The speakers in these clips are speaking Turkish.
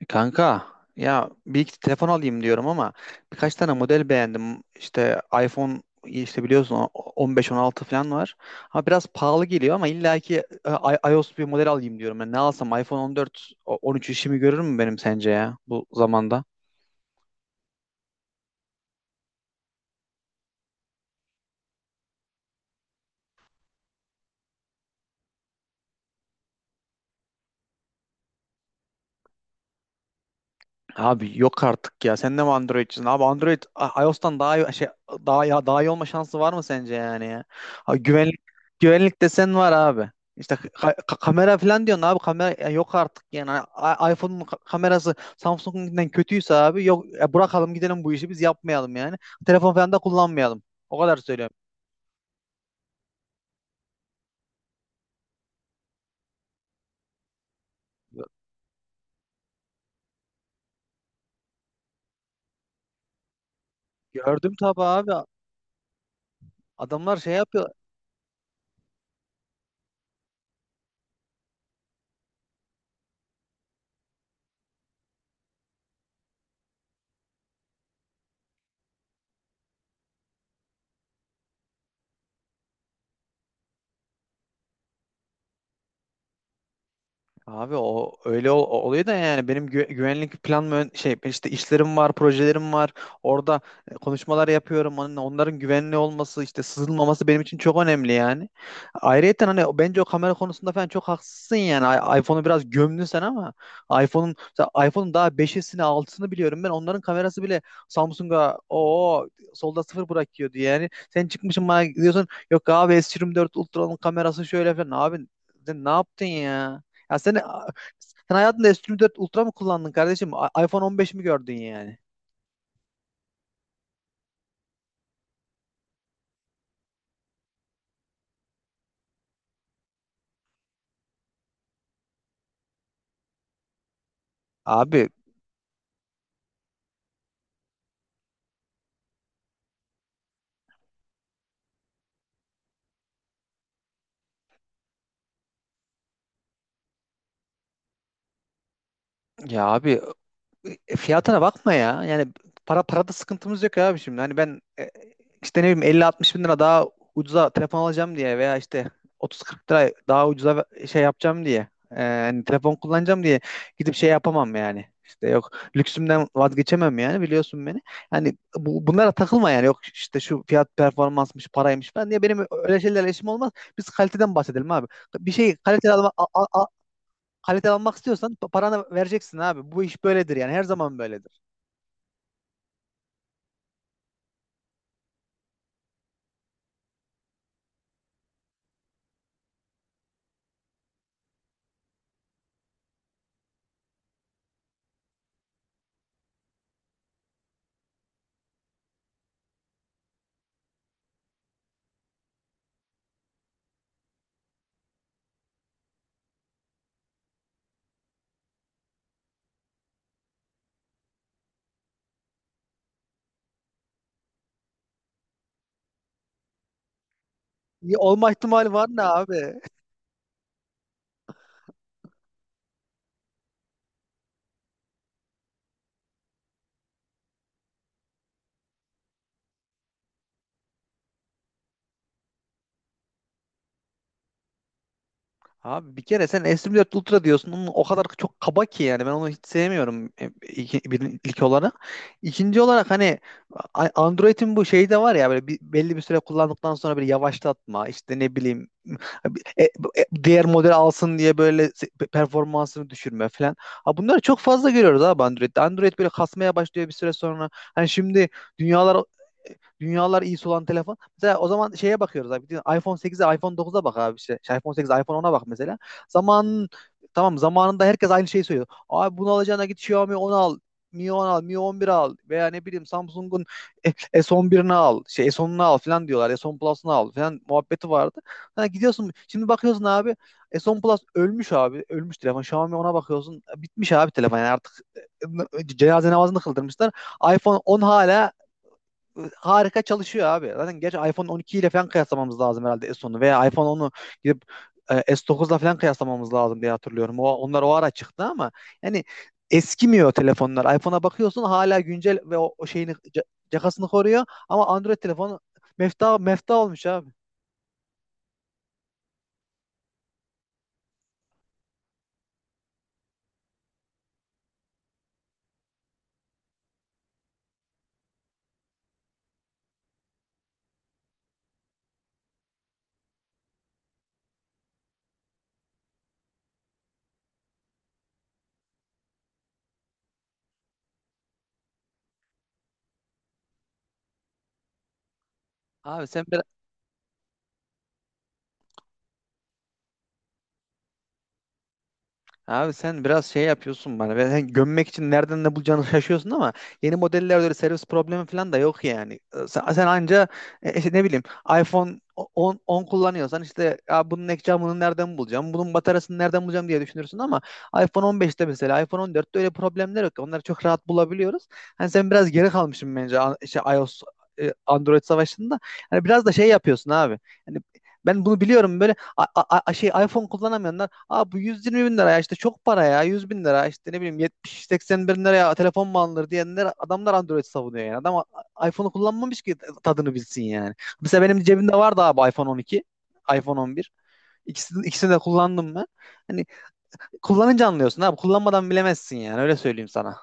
Kanka, ya bir iki telefon alayım diyorum ama birkaç tane model beğendim. İşte iPhone, işte biliyorsun, 15, 16 falan var. Ama biraz pahalı geliyor, ama illaki iOS bir model alayım diyorum. Yani ne alsam, iPhone 14 13 işimi görür mü benim sence ya bu zamanda? Abi yok artık ya. Sen de mi Android'cisin? Abi Android iOS'tan daha iyi, daha, daha iyi olma şansı var mı sence yani ya? Abi, güvenlik desen var abi. İşte kamera falan diyorsun abi, kamera ya yok artık yani. iPhone'un kamerası Samsung'dan kötüyse, abi yok ya, bırakalım gidelim, bu işi biz yapmayalım yani. Telefon falan da kullanmayalım. O kadar söylüyorum. Gördüm tabii abi. Adamlar şey yapıyor. Abi o öyle oluyor da, yani benim güvenlik plan mı işte, işlerim var, projelerim var. Orada konuşmalar yapıyorum. Onların güvenli olması, işte sızılmaması benim için çok önemli yani. Ayrıyeten hani, bence o kamera konusunda falan çok haksızsın yani. iPhone'u biraz gömdün sen, ama iPhone'un daha beşisini altısını biliyorum ben. Onların kamerası bile Samsung'a solda sıfır bırakıyordu yani. Sen çıkmışsın bana diyorsun, yok abi S24 Ultra'nın kamerası şöyle falan. Abi sen ne yaptın ya? Ya sen hayatında S24 Ultra mı kullandın kardeşim? iPhone 15 mi gördün yani? Abi ya abi, fiyatına bakma ya. Yani, parada sıkıntımız yok abi şimdi. Hani ben, işte ne bileyim, 50-60 bin lira daha ucuza telefon alacağım diye, veya işte 30-40 lira daha ucuza yapacağım diye. Hani telefon kullanacağım diye gidip şey yapamam yani. İşte yok, lüksümden vazgeçemem yani, biliyorsun beni. Hani bunlara takılma yani. Yok işte, şu fiyat performansmış, paraymış falan diye benim öyle şeylerle işim olmaz. Biz kaliteden bahsedelim abi. Bir şeyi kaliteli al, kalite almak istiyorsan paranı vereceksin abi. Bu iş böyledir yani, her zaman böyledir. Ya, olma ihtimali var ne abi? Abi bir kere sen S4 Ultra diyorsun. Onun o kadar çok kaba ki yani. Ben onu hiç sevmiyorum, bir, ilk olarak. İkinci olarak hani, Android'in bu şeyi de var ya, böyle belli bir süre kullandıktan sonra bir yavaşlatma, işte ne bileyim, diğer model alsın diye böyle performansını düşürme falan. Ha, bunları çok fazla görüyoruz abi Android'de. Android böyle kasmaya başlıyor bir süre sonra. Hani şimdi dünyalar e, dünyalar iyi olan. Mesela o zaman şeye bakıyoruz abi. iPhone 8'e, iPhone 9'a bak abi işte. iPhone 8'e, iPhone 10'a bak mesela. Zamanın tamam Zamanında herkes aynı şeyi söylüyor. Abi bunu alacağına git Xiaomi 10 al. Mi 10 al, Mi 11 al, veya ne bileyim Samsung'un e- S11'ini al, S10'unu al falan diyorlar. S10 Plus'unu al falan muhabbeti vardı. Ha, gidiyorsun şimdi bakıyorsun abi, S10 Plus ölmüş abi. Ölmüş telefon. Xiaomi, ona bakıyorsun. Bitmiş abi telefon yani artık, cenaze namazını kıldırmışlar. iPhone 10 hala harika çalışıyor abi. Zaten gerçi iPhone 12 ile falan kıyaslamamız lazım herhalde, onu veya iPhone onu gidip S9'la falan kıyaslamamız lazım diye hatırlıyorum. Onlar o ara çıktı, ama yani eskimiyor telefonlar. iPhone'a bakıyorsun hala güncel, ve o, o şeyini cakasını koruyor, ama Android telefonu mefta olmuş abi. Abi sen bir Abi sen biraz şey yapıyorsun bana. Sen gömmek için nereden ne bulacağını şaşıyorsun, ama yeni modellerde öyle servis problemi falan da yok yani. Sen anca, işte ne bileyim, iPhone 10, 10 kullanıyorsan, işte ya bunun ekranı, bunu nereden bulacağım? Bunun bataryasını nereden bulacağım diye düşünürsün, ama iPhone 15'te, mesela iPhone 14'te öyle problemler yok. Onları çok rahat bulabiliyoruz. Hani sen biraz geri kalmışsın bence, işte iOS Android savaşında. Hani biraz da şey yapıyorsun abi. Hani ben bunu biliyorum, böyle iPhone kullanamayanlar. Abi bu 120 bin lira ya, işte çok para, ya 100 bin lira, işte ne bileyim 70-80 bin liraya telefon mu alınır diyenler, adamlar Android savunuyor yani. Adam iPhone'u kullanmamış ki tadını bilsin yani. Mesela benim cebimde vardı abi, iPhone 12, iPhone 11. İkisini de kullandım ben. Hani kullanınca anlıyorsun abi, kullanmadan bilemezsin yani, öyle söyleyeyim sana.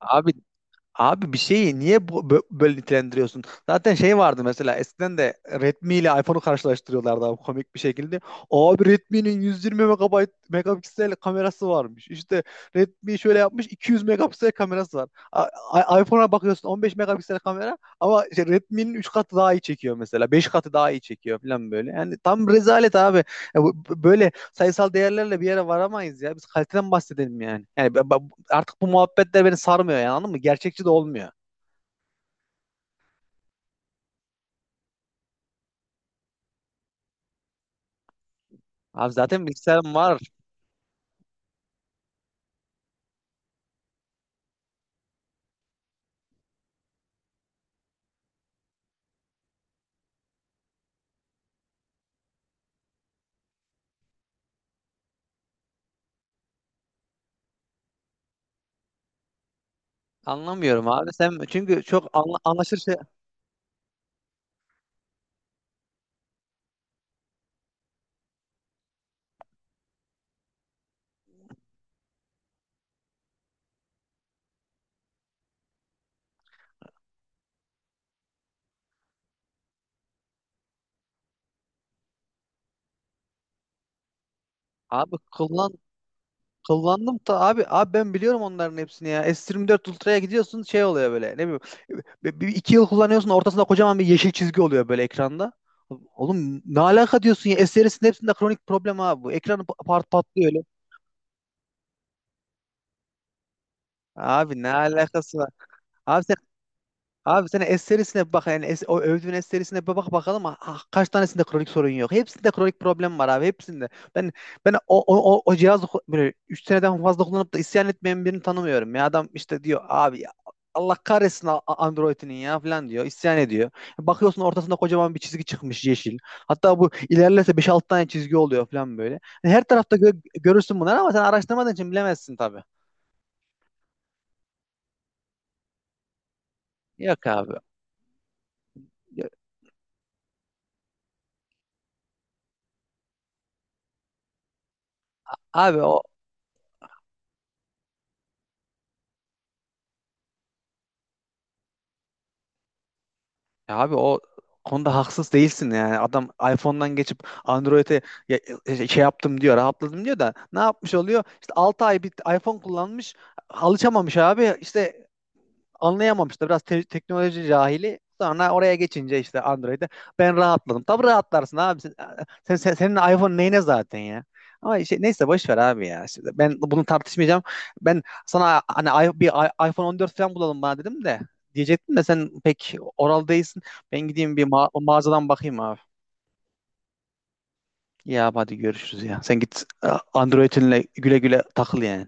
Abi Abi bir şeyi niye böyle nitelendiriyorsun? Zaten şey vardı, mesela eskiden de Redmi ile iPhone'u karşılaştırıyorlardı abi, komik bir şekilde. Abi Redmi'nin 120 megapiksel kamerası varmış. İşte Redmi şöyle yapmış, 200 megapiksel kamerası var. iPhone'a bakıyorsun 15 megapiksel kamera, ama işte Redmi'nin 3 katı daha iyi çekiyor mesela. 5 katı daha iyi çekiyor falan böyle. Yani tam rezalet abi. Ya böyle sayısal değerlerle bir yere varamayız ya. Biz kaliteden bahsedelim yani. Yani artık bu muhabbetler beni sarmıyor yani, anladın mı? Gerçekçi de olmuyor. Abi zaten bilgisayarım var. Anlamıyorum abi. Sen çünkü çok anlaşılır şey. Abi kullandım da, abi ben biliyorum onların hepsini ya. S24 Ultra'ya gidiyorsun, şey oluyor böyle. Ne bileyim, 2 yıl kullanıyorsun, ortasında kocaman bir yeşil çizgi oluyor böyle ekranda. Oğlum ne alaka diyorsun ya? S serisinin hepsinde kronik problem abi bu. Ekranı pa- part patlıyor öyle. Abi ne alakası var? Abi sen Abi sen es serisine bir bak yani, o övdüğün es serisine bir bak bakalım, kaç tanesinde kronik sorun yok. Hepsinde kronik problem var abi, hepsinde. Ben ben o cihazı böyle 3 seneden fazla kullanıp da isyan etmeyen birini tanımıyorum. Ya adam işte diyor, abi ya Allah kahretsin Android'inin ya falan diyor. İsyan ediyor. Bakıyorsun ortasında kocaman bir çizgi çıkmış, yeşil. Hatta bu ilerlerse beş 6 tane çizgi oluyor falan böyle. Yani her tarafta görürsün bunları, ama sen araştırmadığın için bilemezsin tabii. Yok abi. Abi o Ya abi, o konuda haksız değilsin yani. Adam iPhone'dan geçip Android'e, ya- şey yaptım diyor, rahatladım diyor, da ne yapmış oluyor? İşte 6 ay bir iPhone kullanmış, alışamamış abi. İşte anlayamamıştı. Biraz teknoloji cahili. Sonra oraya geçince, işte Android'e, ben rahatladım. Tabii rahatlarsın abi. Senin iPhone neyine zaten ya? Ama şey, neyse boş ver abi ya. Şimdi ben bunu tartışmayacağım. Ben sana hani, iPhone 14 falan bulalım bana dedim de diyecektim de, sen pek oral değilsin. Ben gideyim bir mağazadan bakayım abi. Ya hadi görüşürüz ya. Sen git Android'inle güle güle takıl yani.